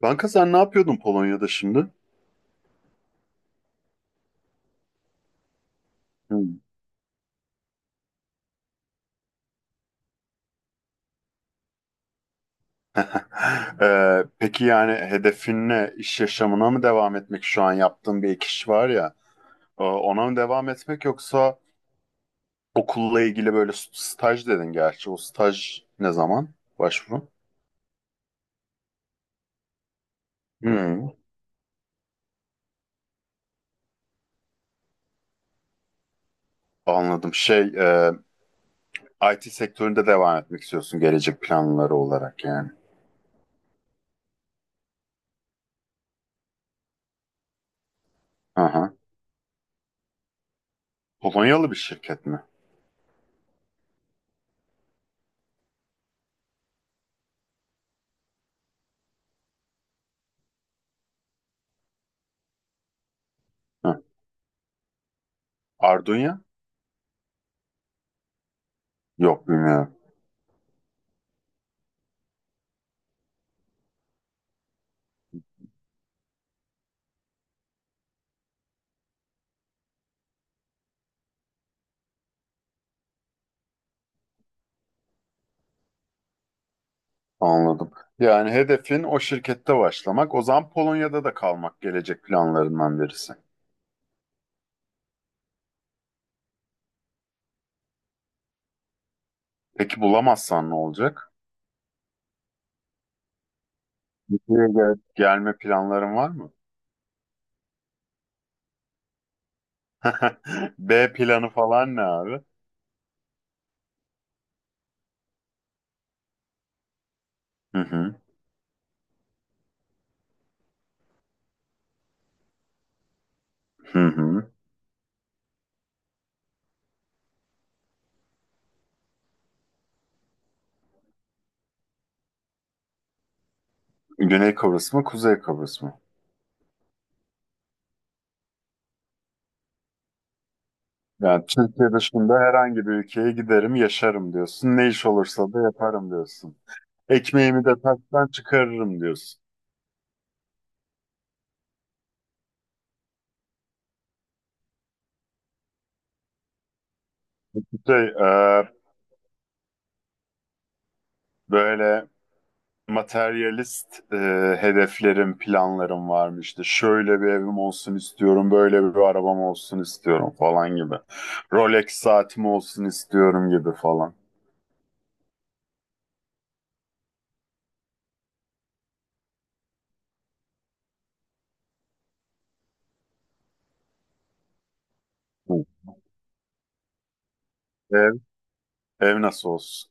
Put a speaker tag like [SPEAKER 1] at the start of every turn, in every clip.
[SPEAKER 1] Kanka sen ne yapıyordun Polonya'da şimdi? Hmm. Peki yani hedefin ne? İş yaşamına mı devam etmek? Şu an yaptığın bir ek iş var ya. Ona mı devam etmek yoksa okulla ilgili böyle staj dedin gerçi. O staj ne zaman? Başvuru? Hmm, Anladım. IT sektöründe devam etmek istiyorsun gelecek planları olarak yani. Aha. Polonyalı bir şirket mi? Hı. Arduino? Yok bilmiyorum. Anladım. Yani hedefin o şirkette başlamak, o zaman Polonya'da da kalmak gelecek planlarından birisi. Peki bulamazsan ne olacak? Türkiye'ye gelme planların var mı? B planı falan ne abi? Hı hı, hı hı. Güney Kıbrıs mı, Kuzey Kıbrıs mı? Yani Türkiye dışında herhangi bir ülkeye giderim, yaşarım diyorsun. Ne iş olursa da yaparım diyorsun. Ekmeğimi de taştan çıkarırım diyorsun. Şey, e, Böyle materyalist hedeflerim, planlarım varmıştı. Şöyle bir evim olsun istiyorum, böyle bir arabam olsun istiyorum falan gibi. Rolex saatim olsun istiyorum gibi falan. Hı. Ev, ev nasıl olsun?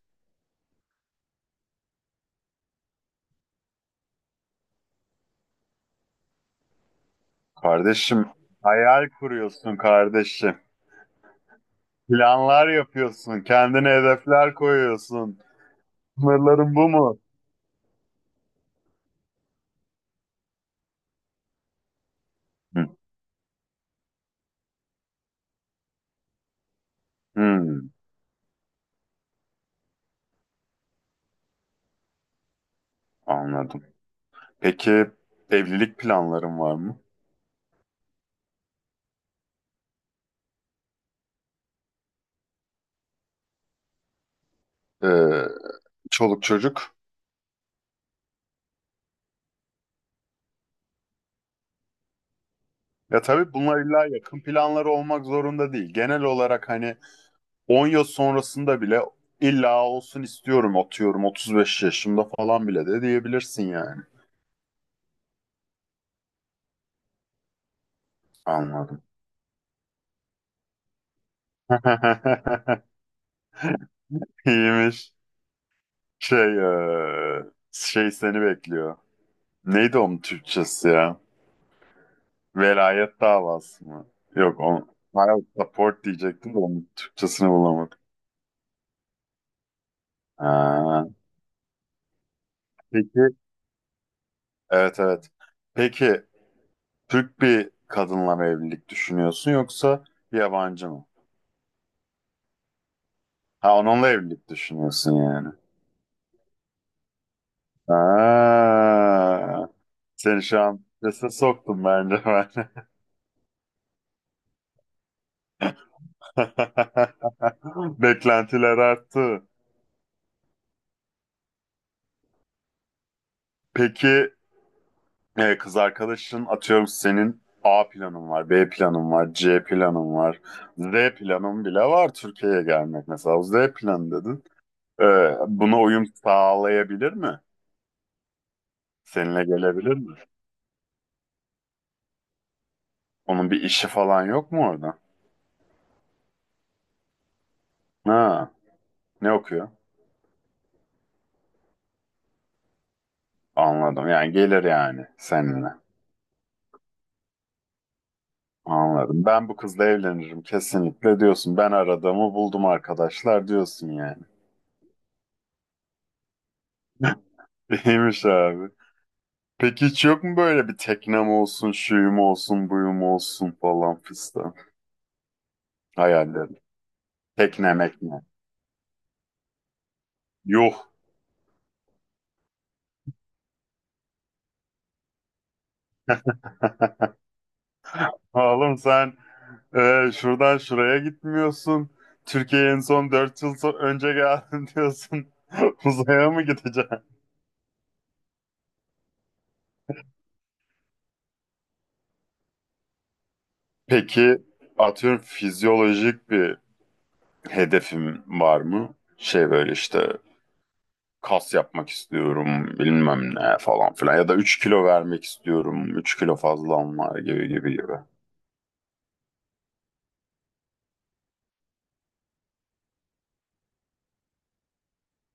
[SPEAKER 1] Kardeşim, hayal kuruyorsun kardeşim. Planlar yapıyorsun, kendine hedefler koyuyorsun. Sınırların bu mu? Hı. Hı, anladım. Peki evlilik planların var mı? Ee, Çoluk çocuk? Ya tabii bunlar illa yakın planları olmak zorunda değil. Genel olarak hani 10 yıl sonrasında bile illa olsun istiyorum atıyorum 35 yaşımda falan bile de diyebilirsin yani. Anladım. İyiymiş. Şey, eee, şey seni bekliyor. Neydi onun Türkçesi ya? Velayet davası mı? Yok on Child support diyecektim de onun Türkçesini bulamadım. Ha. Peki. Evet evet. Peki Türk bir kadınla mı evlilik düşünüyorsun yoksa bir yabancı mı? Ha, onunla evlilik düşünüyorsun yani. Ha, seni şu an strese soktum bence ben. Beklentiler arttı. Peki kız arkadaşın atıyorum senin A planın var, B planın var, C planın var, Z planın bile var Türkiye'ye gelmek mesela. O Z planı dedin. E, Buna uyum sağlayabilir mi? Seninle gelebilir mi? Onun bir işi falan yok mu orada? Ha, ne okuyor? Anladım. Yani gelir yani seninle. Anladım. Ben bu kızla evlenirim kesinlikle diyorsun. Ben aradığımı buldum arkadaşlar diyorsun yani. İyiymiş abi. Peki hiç yok mu böyle bir teknem olsun, şuyum olsun, buyum olsun falan fistan hayallerin? Tekne mekne. Yuh. Oğlum sen şuradan şuraya gitmiyorsun. Türkiye'ye en son 4 yıl önce geldin diyorsun. Uzaya mı gideceksin? Peki atıyorum fizyolojik bir hedefim var mı? Şey böyle işte kas yapmak istiyorum bilmem ne falan filan ya da 3 kilo vermek istiyorum 3 kilo fazlam var gibi gibi gibi.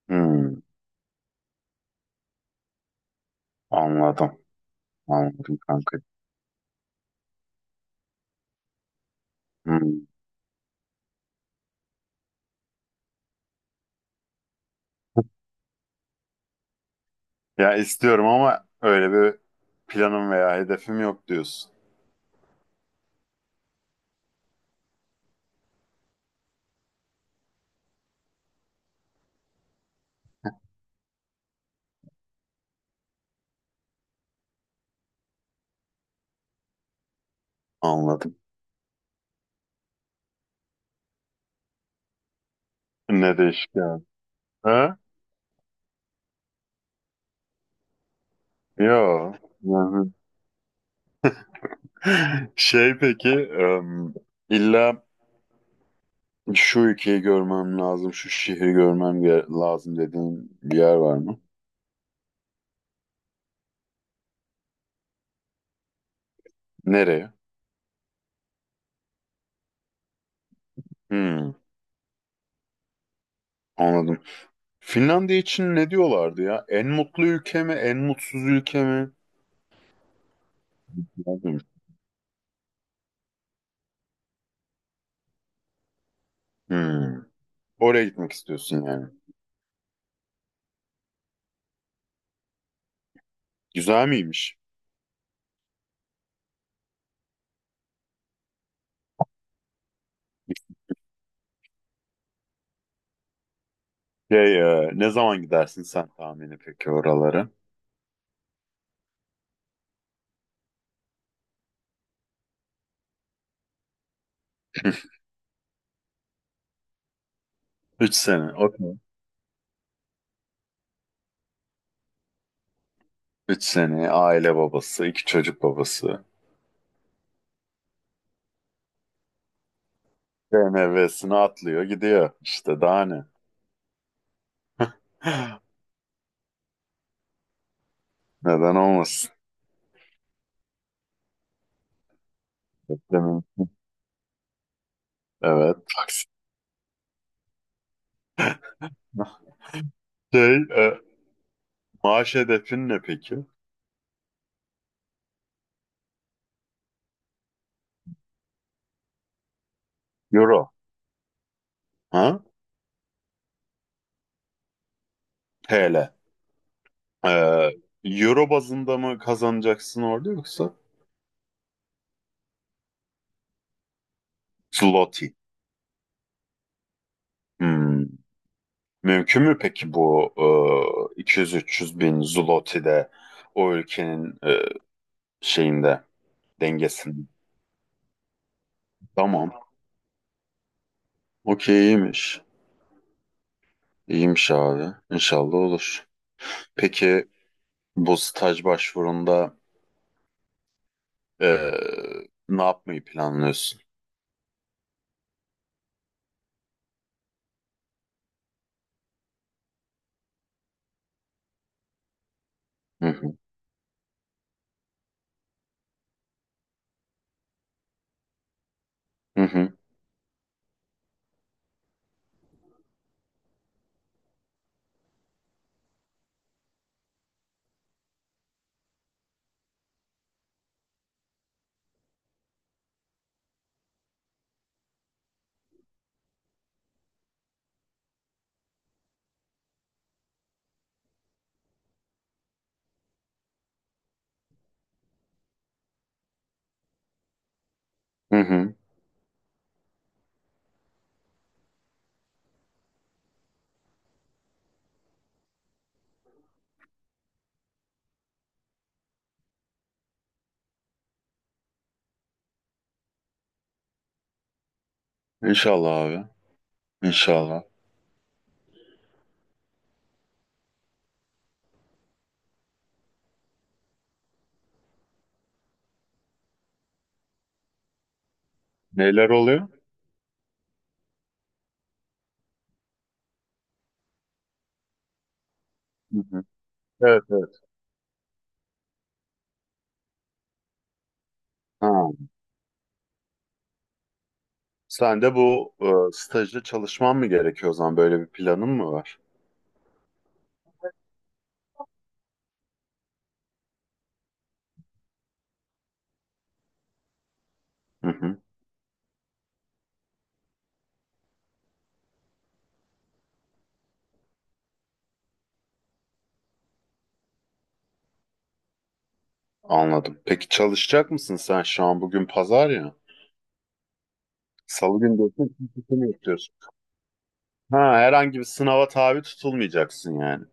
[SPEAKER 1] Hmm, Anladım anladım kanka. Hmm. Ya istiyorum ama öyle bir planım veya hedefim yok diyorsun. Anladım. Ne değişik yani. Ha? Yo. Yani peki, illa şu ülkeyi görmem lazım, şu şehri görmem lazım dediğin bir yer var mı? Nereye? Hmm, Anladım. Finlandiya için ne diyorlardı ya? En mutlu ülke mi, en mutsuz ülke mi? Anladım. Hmm, Oraya gitmek istiyorsun yani. Güzel miymiş? Ne zaman gidersin sen tahmini peki oralara? 3 sene, okey. 3 sene, aile babası, iki çocuk babası. B M BMW'sini atlıyor gidiyor. İşte daha ne? Neden olmasın? Beklemeyin. Evet. Taksi. Şey, e, Maaş hedefin ne peki? Euro. Ha? TL. E, Euro bazında mı kazanacaksın orada yoksa? Zloty. Hmm. Mümkün mü peki bu 200-300 bin Zloty'de o ülkenin şeyinde dengesinde? Tamam. Okey iyiymiş. İyiymiş abi. İnşallah olur. Peki bu staj başvurunda e, ne yapmayı planlıyorsun? Hı hı. Hı hı. Hı hı. İnşallah abi. İnşallah. Neler oluyor? Hı hı. Evet evet. Ha. Sen de bu stajda çalışman mı gerekiyor o zaman? Böyle bir planın mı var? Hı hı. Anladım. Peki çalışacak mısın sen şu an? Bugün pazar ya. Salı günü diyorsun. Cumartesi mi yapıyorsun? Ha, herhangi bir sınava tabi tutulmayacaksın yani.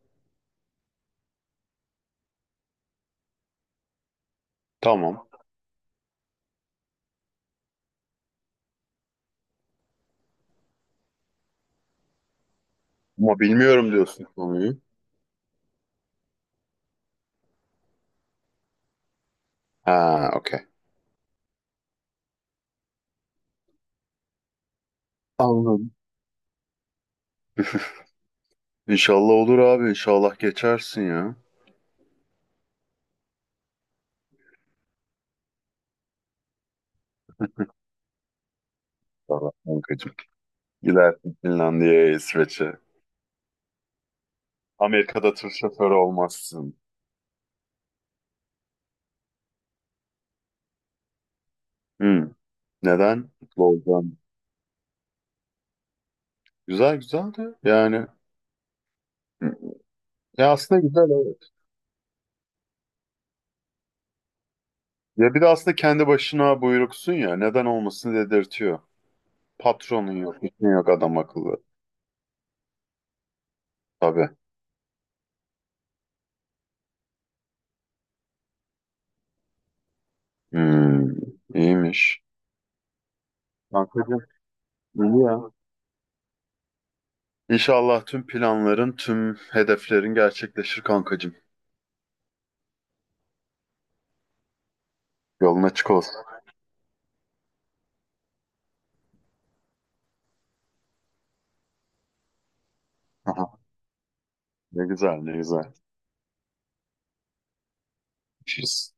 [SPEAKER 1] Tamam. Ama bilmiyorum diyorsun konuyu. Ha, okey. Anladım. İnşallah olur abi. İnşallah geçersin ya. İnşallah kankacığım. Gidersin Finlandiya'ya, İsveç'e. Amerika'da tır şoförü olmazsın. Hmm. Neden? Mutlu olacaksın. Güzel güzel de yani. Hı. Ya aslında güzel evet. Ya bir de aslında kendi başına buyruksun ya. Neden olmasın dedirtiyor. Patronun yok, işin yok adam akıllı. Tabii. Hmm. İyiymiş. Kankacığım, iyi ya. İnşallah tüm planların, tüm hedeflerin gerçekleşir kankacığım. Yolun açık olsun. Aha, ne güzel, ne güzel. Görüşürüz.